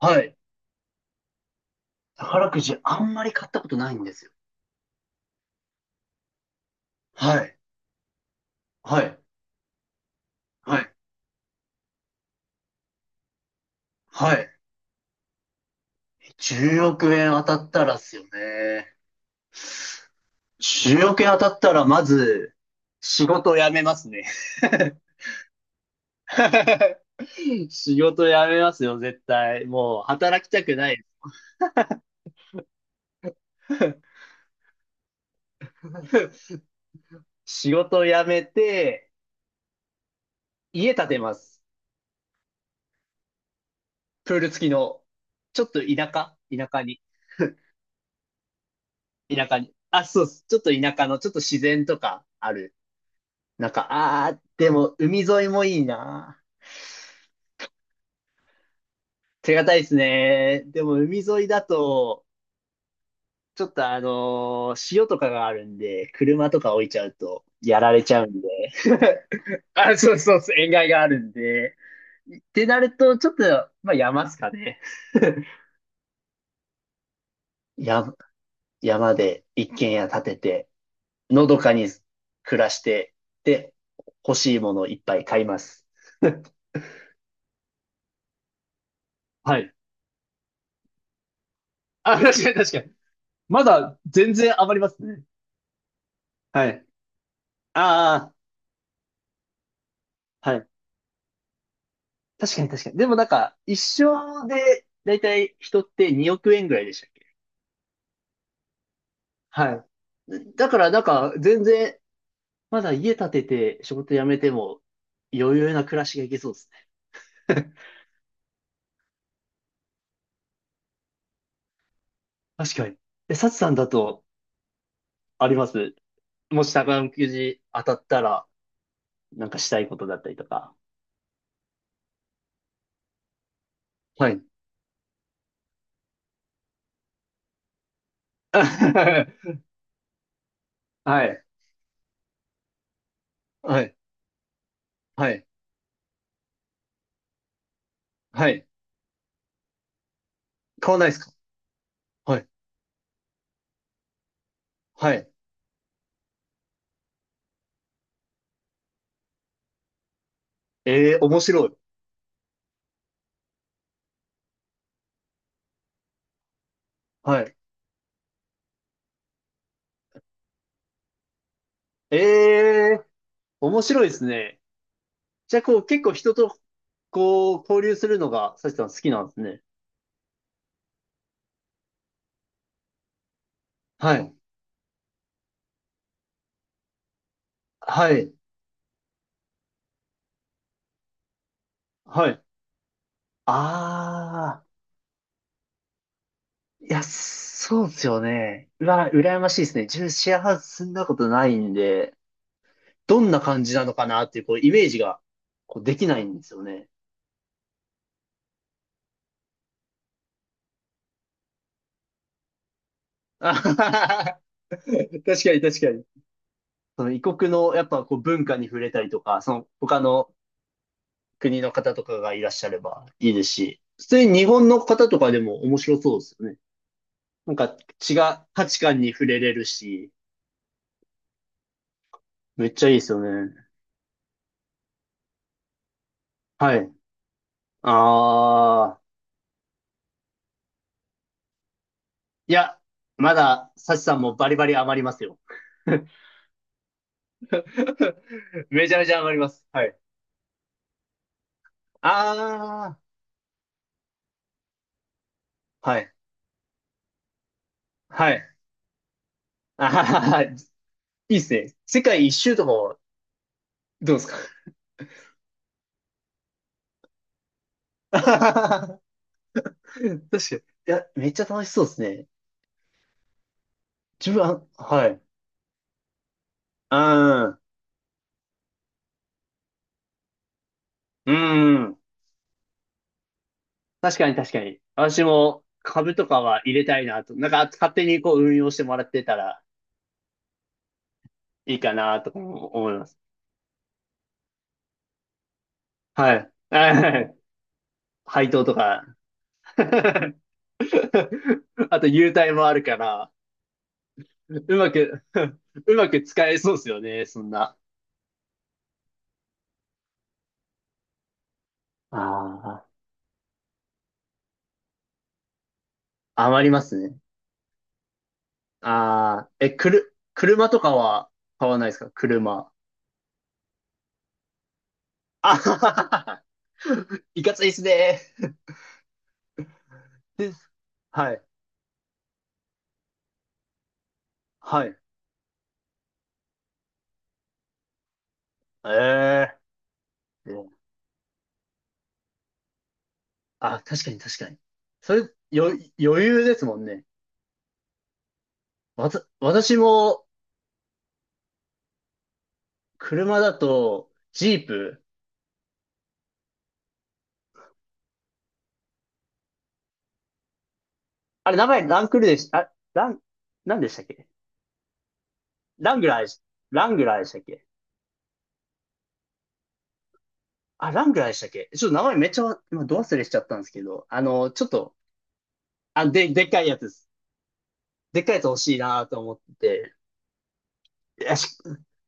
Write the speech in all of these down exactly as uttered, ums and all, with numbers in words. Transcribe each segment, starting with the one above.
はい。宝くじあんまり買ったことないんですよ。はい。はい。はい。はい。じゅうおく円当たったらっすよね。じゅうおく円当たったら、まず、仕事を辞めますね。仕事辞めますよ、絶対。もう、働きたくない。仕事を辞めて、家建てます。プール付きの。ちょっと田舎田舎に。田舎に。あ、そうです。ちょっと田舎の、ちょっと自然とかあるなんか、あー、でも海沿いもいいな。手堅いですね。でも海沿いだと、ちょっとあのー潮とかがあるんで、車とか置いちゃうとやられちゃうんで。あ、そうそうそう、塩害があるんで。ってなると、ちょっと、まあ山っすかね。山、山で一軒家建てて、のどかに暮らして、で、欲しいものをいっぱい買います。はい。あ、確かに確かに。まだ全然余りますね。はい。ああ、はい。確かに確かに。でもなんか、一生で、だいたい人ってにおく円ぐらいでしたっけ？はい。だからなんか、全然、まだ家建てて仕事辞めても、余裕な暮らしがいけそうですね。確かに。え、サチさんだと、あります？もし宝くじ当たったら、なんかしたいことだったりとか。はい。はい。はい。はい。はい。買わないですか？はい。はい。ええー、面白い。はい。ええー、面白いですね。じゃあ、こう、結構人と、こう、交流するのが、サチさん好きなんですね。はい。はい。はい。ああ、いや、そうですよね。うわ、羨ましいですね。自分シェアハウス住んだことないんで、どんな感じなのかなっていう、こう、イメージが、こう、できないんですよね。あははは確かに確かに。その異国の、やっぱ、こう、文化に触れたりとか、その、他の国の方とかがいらっしゃればいいですし、普通に日本の方とかでも面白そうですよね。なんか違う価値観に触れれるし、めっちゃいいですよね。はい。ああ、いや、まだ、サチさんもバリバリ余りますよ。めちゃめちゃ余ります。はい。ああ、はい。はい。あはははいいっすね。世界一周とかも、どうですか？ 確かに。いや、めっちゃ楽しそうですね。自分は、はい。うん。うん。確かに確かに。私も株とかは入れたいなと。なんか勝手にこう運用してもらってたらいいかなとかも思います。はい。はい。配当とか。あと優待もあるから、うまく うまく使えそうですよね、そんな。ああ、余りますね。ああ、え、くる、車とかは買わないですか車？あはははは。いかついっすね。です、はい。はい。ええあ、確かに確かに。それ、よ、余裕ですもんね。わた、私も、車だと、ジープ。あれ、名前ランクルでした、あ、ラン、何でしたっけ？ラングラーでし、ラングラーでしたっけ？あ、ラングラーでしたっけちょっと名前めっちゃ、今、ど忘れしちゃったんですけど、あの、ちょっと、あ、で、でっかいやつです。でっかいやつ欲しいなと思ってて。いや、し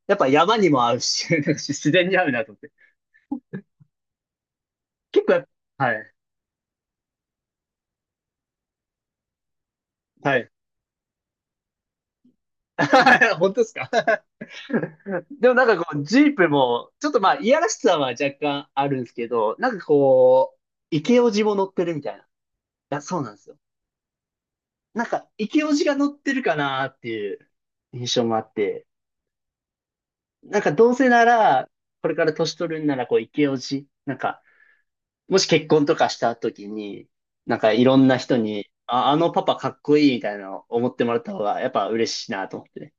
やっぱ山にも合うし、自然に合うなと思って。結構やっぱ、はい。はい。本当ですか？ でもなんかこう、ジープも、ちょっとまあ、いやらしさは若干あるんですけど、なんかこう、イケオジも乗ってるみたいな。いや、そうなんですよ。なんか、イケオジが乗ってるかなっていう印象もあって、なんかどうせなら、これから年取るんなら、こう、イケオジ、なんか、もし結婚とかした時に、なんかいろんな人に、あ、あのパパかっこいいみたいなのを思ってもらった方が、やっぱ嬉しいなと思ってね。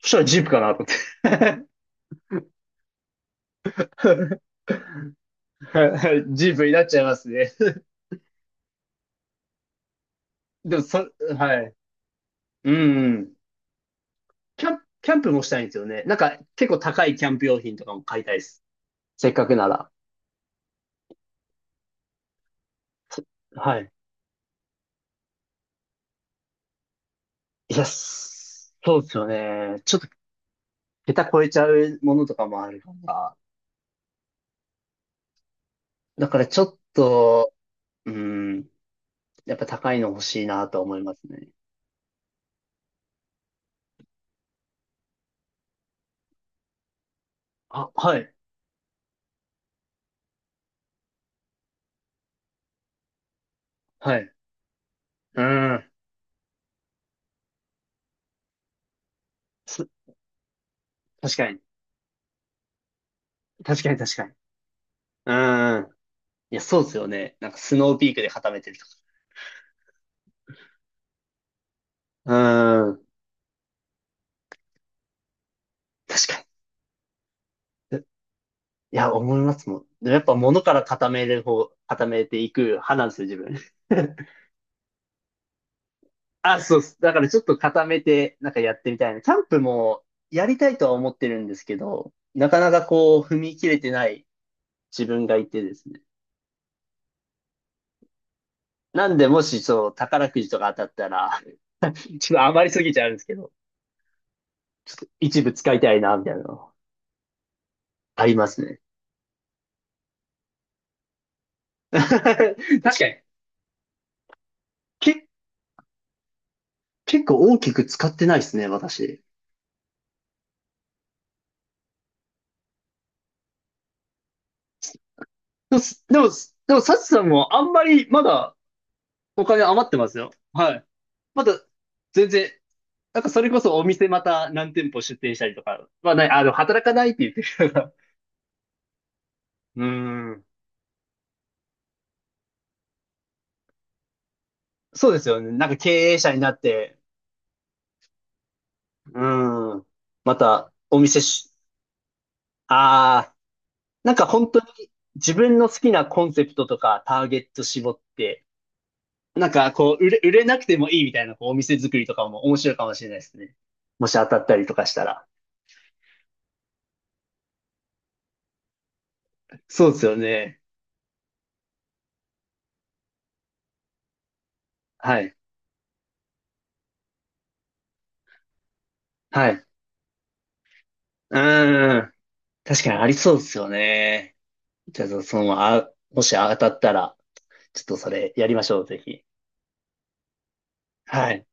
そしたらジープかなと思って。ジープになっちゃいますね。でも、そ、はい。うんうん。キャンプ、キャンプもしたいんですよね。なんか、結構高いキャンプ用品とかも買いたいです。せっかくなら。そ、はい。いや、そうですよね。ちょっと、桁超えちゃうものとかもあるから。だから、ちょっと、うん、やっぱ高いの欲しいなと思いますね。あ、はい。はい。うん。す、確かに。確かに、確かに。うん。いや、そうですよね。なんか、スノーピークで固めてるとか。うん。確かに。いや、思いますもん。でもやっぱ物から固める方、固めていく派なんですよ、自分。あ、そうっす。だからちょっと固めて、なんかやってみたいな。キャンプもやりたいとは思ってるんですけど、なかなかこう、踏み切れてない自分がいてですね。なんで、もしそう、宝くじとか当たったら、ちょっと余りすぎちゃうんですけど、一部使いたいな、みたいなの、ありますね。確かに。け、結構大きく使ってないですね、私。でも、でも、でも、サチさんもあんまりまだお金余ってますよ。はい。まだ、全然、なんかそれこそお店また何店舗出店したりとかはない、あの、働かないって言ってる人が。うーん。そうですよね。なんか経営者になって、うーん。またお店し、ああ、なんか本当に自分の好きなコンセプトとかターゲット絞って、なんかこう、売れ、売れなくてもいいみたいなこうお店作りとかも面白いかもしれないですね。もし当たったりとかしたら。そうですよね。はい。はい。うーん。確かにありそうですよね。じゃあ、その、あ、もし当たったら、ちょっとそれやりましょう、ぜひ。はい。